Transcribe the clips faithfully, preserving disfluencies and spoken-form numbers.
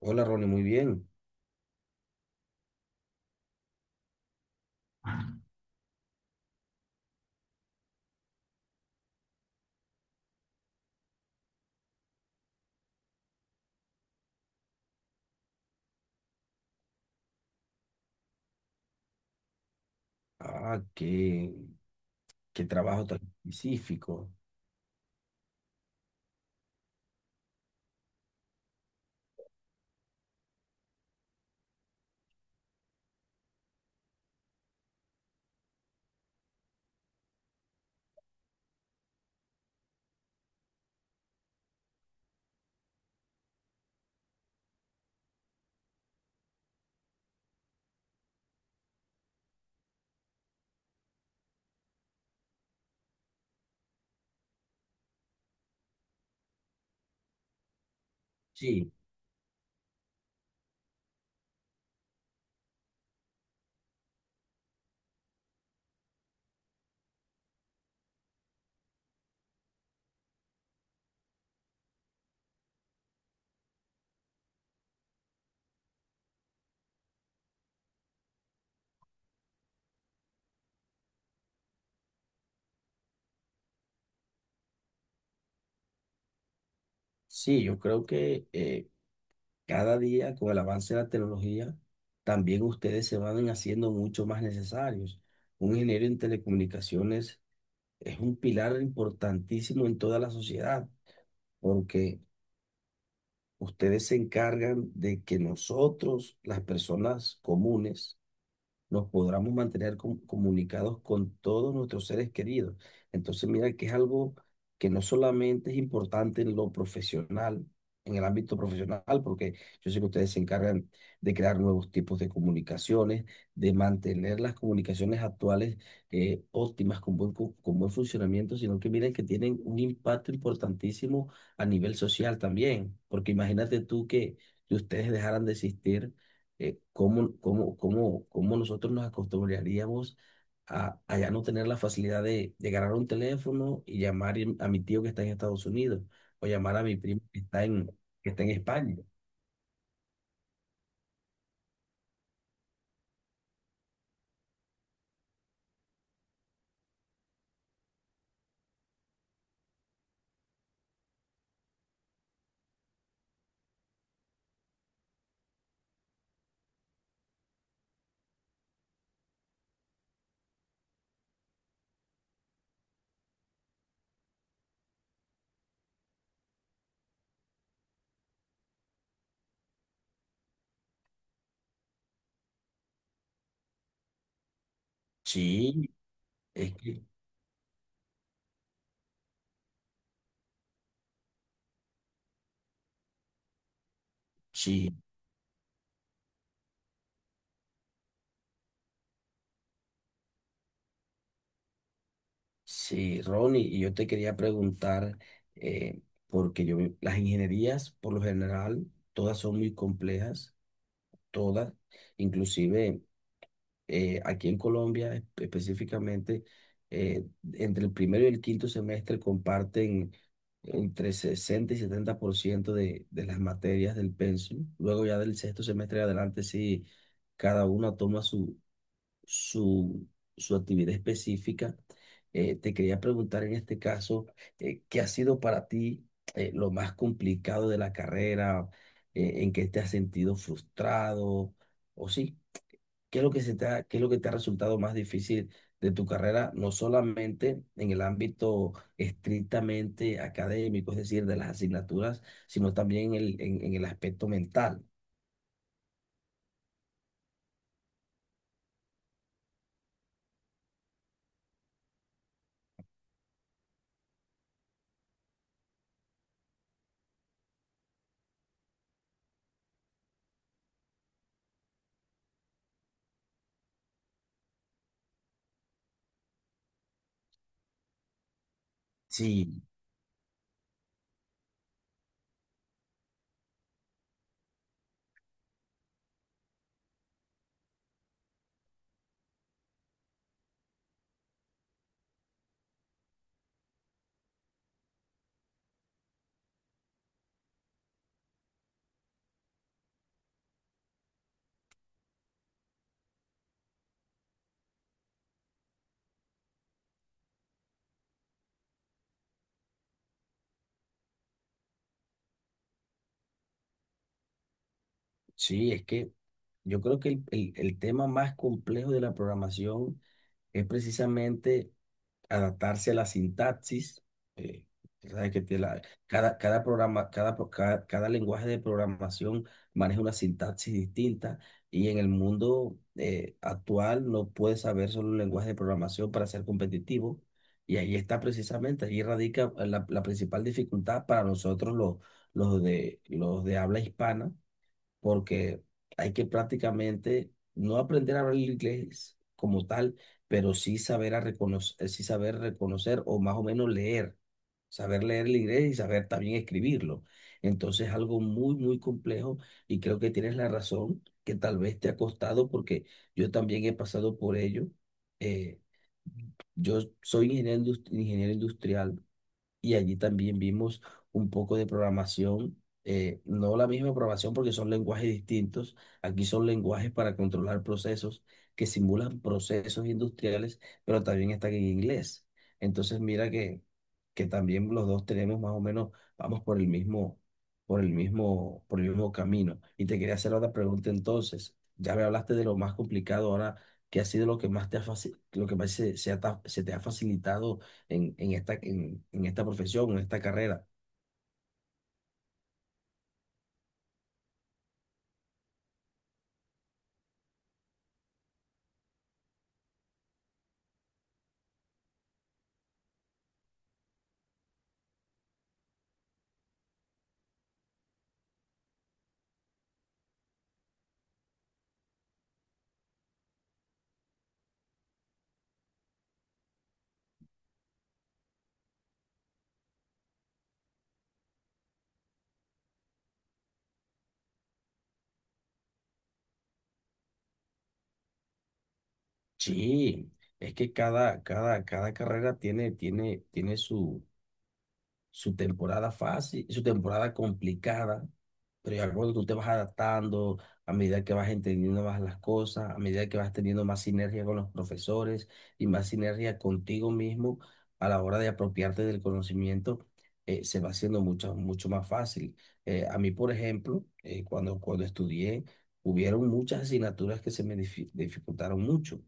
Hola Ronnie, muy bien. Ah, qué, ¿Qué trabajo tan específico? Sí, sí, yo creo que eh, cada día, con el avance de la tecnología, también ustedes se van haciendo mucho más necesarios. Un ingeniero en telecomunicaciones es un pilar importantísimo en toda la sociedad, porque ustedes se encargan de que nosotros, las personas comunes, nos podamos mantener com- comunicados con todos nuestros seres queridos. Entonces, mira que es algo que no solamente es importante en lo profesional, en el ámbito profesional, porque yo sé que ustedes se encargan de crear nuevos tipos de comunicaciones, de mantener las comunicaciones actuales eh, óptimas, con buen, cu- con buen funcionamiento, sino que miren que tienen un impacto importantísimo a nivel social también, porque imagínate tú que que ustedes dejaran de existir eh, ¿cómo, cómo, cómo, cómo nosotros nos acostumbraríamos a, a ya no tener la facilidad de, de agarrar un teléfono y llamar y- a mi tío que está en Estados Unidos o llamar a mi primo que está en, que está en España? Sí, es que sí, sí, Ronnie, y yo te quería preguntar, eh, porque yo, vi- las ingenierías por lo general, todas son muy complejas, todas, inclusive. Eh, aquí en Colombia espe- específicamente, eh, entre el primero y el quinto semestre comparten entre sesenta y setenta por ciento de, de las materias del pensum. Luego ya del sexto semestre en adelante, sí, cada uno toma su, su, su actividad específica. Eh, te quería preguntar en este caso, eh, ¿qué ha sido para ti eh, lo más complicado de la carrera? Eh, ¿en qué te has sentido frustrado? ¿O sí? ¿Qué es lo que se te ha, qué es lo que te ha resultado más difícil de tu carrera, no solamente en el ámbito estrictamente académico, es decir, de las asignaturas, sino también en el, en, en el aspecto mental? Sí, sí, es que yo creo que el, el- el tema más complejo de la programación es precisamente adaptarse a la sintaxis. eh, Tú sabes que te la- cada, cada programa, cada, pro- cada, cada lenguaje de programación maneja una sintaxis distinta y en el mundo eh, actual no puedes saber solo un lenguaje de programación para ser competitivo. Y ahí está precisamente, ahí radica la, la principal dificultad para nosotros los, los de, los de habla hispana, porque hay que prácticamente no aprender a hablar el inglés como tal, pero sí saber a reconocer, sí saber reconocer o más o menos leer, saber leer el inglés y saber también escribirlo. Entonces, algo muy, muy complejo, y creo que tienes la razón que tal vez te ha costado, porque yo también he pasado por ello. Eh, yo soy ingeniero, indust- ingeniero industrial, y allí también vimos un poco de programación, eh, no la misma programación porque son lenguajes distintos, aquí son lenguajes para controlar procesos que simulan procesos industriales, pero también están en inglés. Entonces mira que, que también los dos tenemos más o menos, vamos por el mismo, por el mismo, por el mismo camino. Y te quería hacer otra pregunta entonces, ya me hablaste de lo más complicado ahora. ¿Qué ha sido lo que más te ha, faci- lo que más se, se ha ta- se te ha facilitado en, en esta, en, en esta profesión, en esta carrera? Sí, es que cada, cada, cada carrera tiene, tiene, tiene su, su temporada fácil, y su temporada complicada, pero ya cuando tú te vas adaptando, a medida que vas entendiendo más las cosas, a medida que vas teniendo más sinergia con los profesores y más sinergia contigo mismo a la hora de apropiarte del conocimiento, eh, se va haciendo mucho, mucho más fácil. Eh, a mí, por ejemplo, eh, cuando, cuando estudié, hubieron muchas asignaturas que se me difi- dificultaron mucho,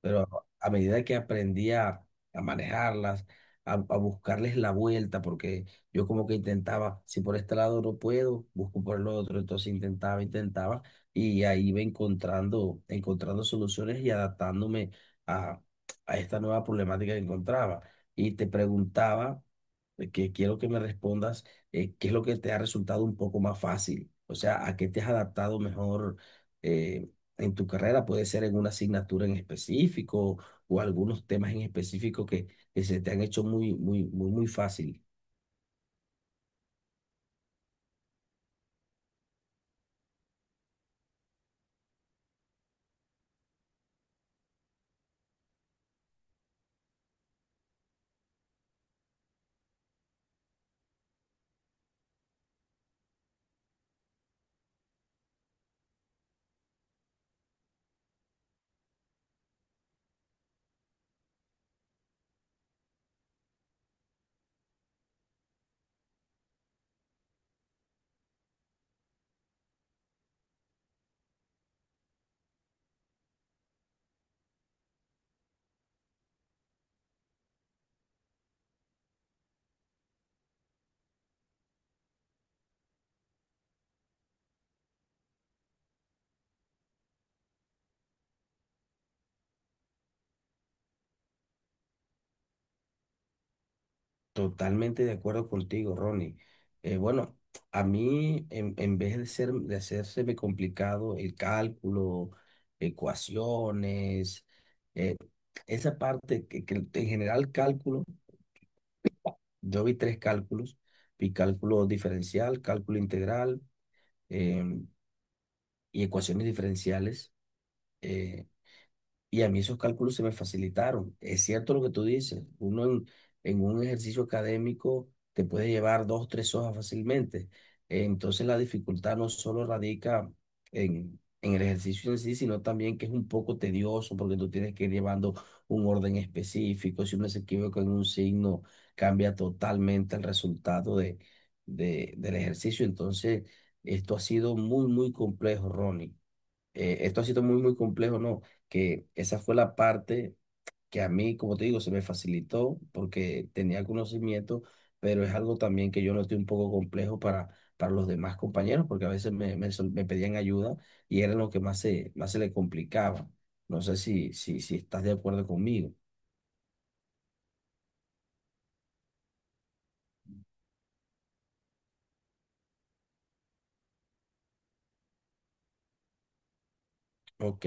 pero a medida que aprendí a, a manejarlas, a, a buscarles la vuelta, porque yo como que intentaba, si por este lado no puedo, busco por el otro, entonces intentaba, intentaba, y ahí iba encontrando, encontrando soluciones y adaptándome a, a esta nueva problemática que encontraba. Y te preguntaba, eh, que quiero que me respondas, eh, ¿qué es lo que te ha resultado un poco más fácil? O sea, ¿a qué te has adaptado mejor? eh, en tu carrera, puede ser en una asignatura en específico o algunos temas en específico que, que se te han hecho muy, muy, muy, muy fácil. Totalmente de acuerdo contigo, Ronnie. Eh, bueno, a mí, en, en vez de ser, de hacérseme complicado el cálculo, ecuaciones, eh, esa parte que, que en general cálculo, yo vi tres cálculos, vi cálculo diferencial, cálculo integral, em, y ecuaciones diferenciales. eh, Y a mí esos cálculos se me facilitaron. Es cierto lo que tú dices. Uno en, en un ejercicio académico te puede llevar dos, tres hojas fácilmente. Entonces la dificultad no solo radica en, en el ejercicio en sí, sino también que es un poco tedioso porque tú tienes que ir llevando un orden específico. Si uno se equivoca en un signo, cambia totalmente el resultado de, de- del ejercicio. Entonces esto ha sido muy, muy complejo, Ronnie. Eh, esto ha sido muy, muy complejo, ¿no? Que esa fue la parte que a mí, como te digo, se me facilitó porque tenía conocimiento, pero es algo también que yo noté un poco complejo para, para los demás compañeros, porque a veces me, me, sol- me pedían ayuda y era lo que más se, más se le complicaba. No sé si, si, si estás de acuerdo conmigo. Ok.